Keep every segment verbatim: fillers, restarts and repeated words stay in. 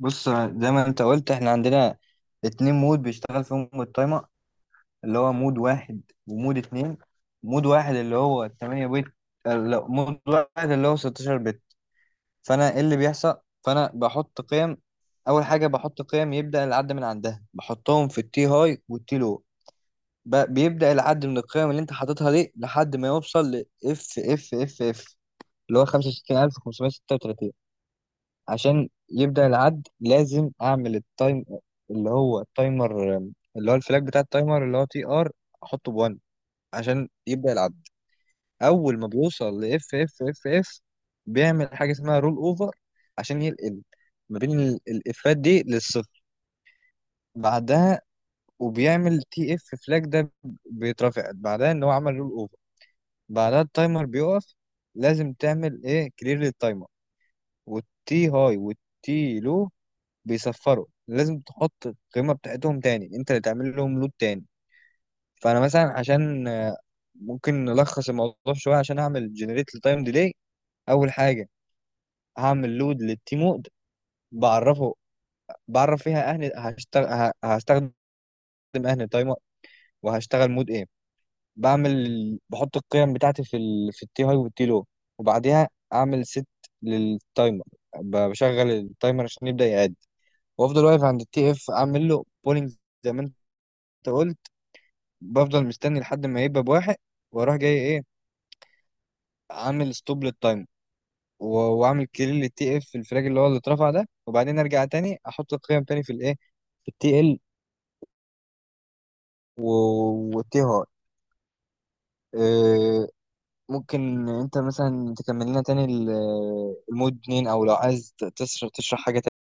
بص زي ما انت قلت احنا عندنا اتنين مود بيشتغل فيهم التايمر، اللي هو مود واحد ومود اتنين. مود واحد اللي هو ثمانية بت. اه لا، مود واحد اللي هو ستاشر بت. فانا ايه اللي بيحصل؟ فانا بحط قيم. اول حاجة بحط قيم يبدأ العد من عندها، بحطهم في التي هاي والتي لو. ب- بيبدأ العد من القيم اللي انت حاططها دي لحد ما يوصل ل اف اف اف اف، اللي هو خمسة وستين الف وخمسمية ستة وتلاتين. عشان يبدأ العد لازم اعمل التايم، اللي هو التايمر، اللي هو الفلاج بتاع التايمر اللي هو تي ار، احطه ب1 عشان يبدأ العد. اول ما بيوصل ل اف اف اف اف، بيعمل حاجة اسمها رول اوفر، عشان ينقل ما بين ال- الافات دي للصفر. بعدها وبيعمل تي اف، فلاج ده بيترفع بعدها ان هو عمل رول اوفر. بعدها التايمر بيقف. لازم تعمل ايه، كلير للتايمر، والتي هاي والتي لو بيصفروا. لازم تحط القيمة بتاعتهم تاني، انت اللي تعمل لهم لود تاني. فانا مثلا عشان آه، ممكن نلخص الموضوع شوية عشان اعمل جنريت لتايم ديلي. اول حاجة هعمل لود للتيم مود، بعرفه، بعرف فيها اهني هشتغل، هستخدم اهني تايمر، وهشتغل مود ايه. بعمل، بحط القيم بتاعتي في ال... في التي هاي والتي لو. وبعديها اعمل ست للتايمر، ب- بشغل التايمر عشان يبدأ يعد. وافضل واقف عند التي اف، اعمل له بولينج، زي ما انت قلت، بفضل مستني لحد ما يبقى بواحد، واروح جاي ايه، عامل ستوب للتايم، و- واعمل كليل للتي اف في الفراج اللي هو اللي اترفع ده، وبعدين ارجع تاني احط القيم تاني في الايه، في التي ال والتي هاي. إيه، ممكن انت مثلا تكمل لنا تاني ال- المود اتنين، او لو عايز ت- تشرح تشرح حاجه تانية.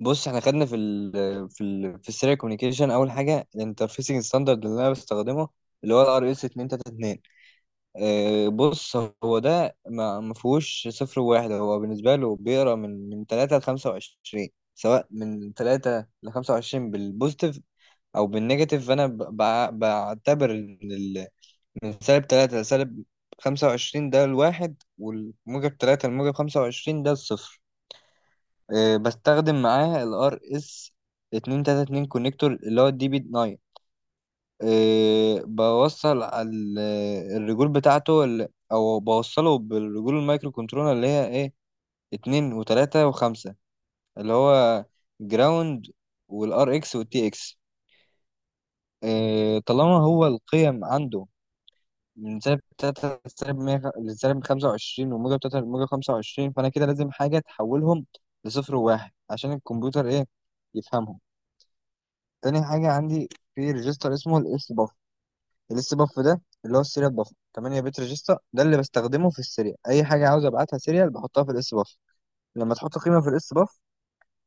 بص احنا خدنا في ال في ال في السيريال كوميونيكيشن. اول حاجه الانترفيسنج ستاندرد اللي انا بستخدمه اللي هو الار اس مئتين اتنين وتلاتين. آه، بص، هو ده ما ما فيهوش صفر وواحد. هو بالنسبة له بيقرا من من تلاتة ل خمسة وعشرين، سواء من تلاتة ل خمسة وعشرين بالبوزيتيف أو بالنيجاتيف. فأنا ب- بع- بعتبر إن ال- من سالب تلاتة لسالب خمسة وعشرين ده الواحد، والموجب تلاتة لموجب خمسة وعشرين ده الصفر. آه، بستخدم معاه ال ار اس اتنين تلاتة اتنين كونكتور اللي هو الدي بي تسعة. إيه، بوصل ال- الرجول بتاعته ال- او بوصله بالرجول المايكرو كنترولر اللي هي ايه، اتنين وتلاتة وخمسة، اللي هو جراوند والار اكس والتي اكس. إيه، طالما هو القيم عنده من سالب تلاتة لسالب مية خ- لسالب خمسة وعشرين، وموجب تلاتة لموجب خمسة وعشرين، فأنا كده لازم حاجة تحولهم لصفر وواحد عشان الكمبيوتر ايه، يفهمهم. تاني حاجة عندي، في ريجستر اسمه الاف الليست باف، ده اللي هو السيريال باف، تمنية بت ريجستا ده اللي بستخدمه في السيريال. اي حاجه عاوز ابعتها سيريال بحطها في الاس باف. لما تحط قيمه في الاس باف،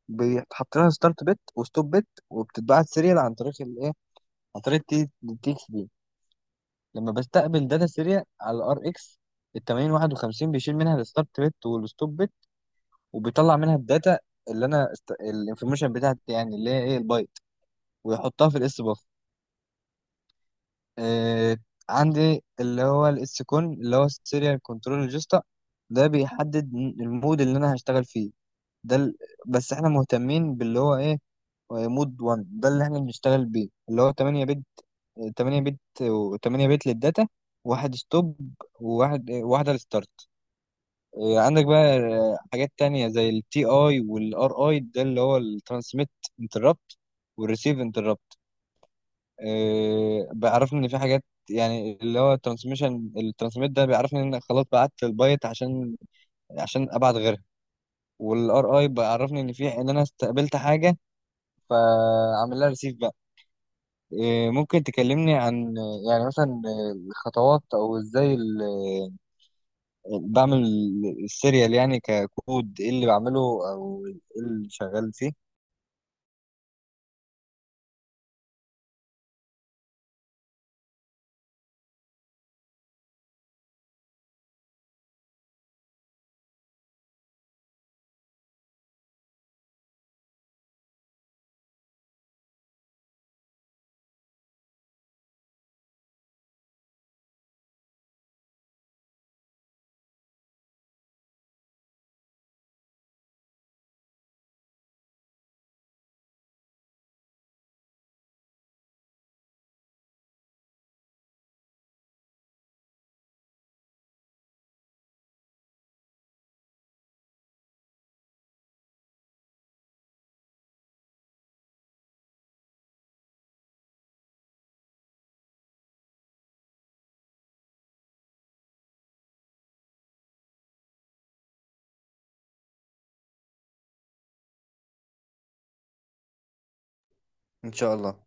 بيتحط لها ستارت بت وستوب بت، وبتتبعت سيريال عن طريق الايه، عن طريق التي اكس دي. لما بستقبل داتا سيريال على الار اكس، ال ثمانية الاف وواحد وخمسين بيشيل منها الستارت بت والستوب بت، وبيطلع منها الداتا اللي انا است... الانفورميشن بتاعتي، يعني اللي هي ايه، البايت، ويحطها في الاس باف. آه، عندي اللي هو الاس كون، اللي هو السيريال كنترول ريجستا، ده بيحدد المود اللي انا هشتغل فيه. ده ال... بس احنا مهتمين باللي هو ايه، مود واحد ده اللي احنا بنشتغل بيه، اللي هو ثمانية بت، ثمانية بت و ثمانية بت للداتا، واحد ستوب وواحد إيه، واحدة للستارت. آه، عندك بقى آه، حاجات تانية زي التي اي والار اي، ده اللي هو الترانسميت انتربت والريسيف انتربت. آه، بيعرفني ان في حاجات، يعني اللي هو الترانسميشن الترانسميت ده بيعرفني ان خلاص بعت البايت، عشان عشان ابعت غيرها. والار اي بيعرفني ان في، ان انا استقبلت حاجه، فاعمل لها ريسيف بقى. آه، ممكن تكلمني عن، يعني مثلا، الخطوات او ازاي ال- بعمل السيريال، يعني ككود ايه اللي بعمله، او ايه اللي شغال فيه؟ ان شاء الله.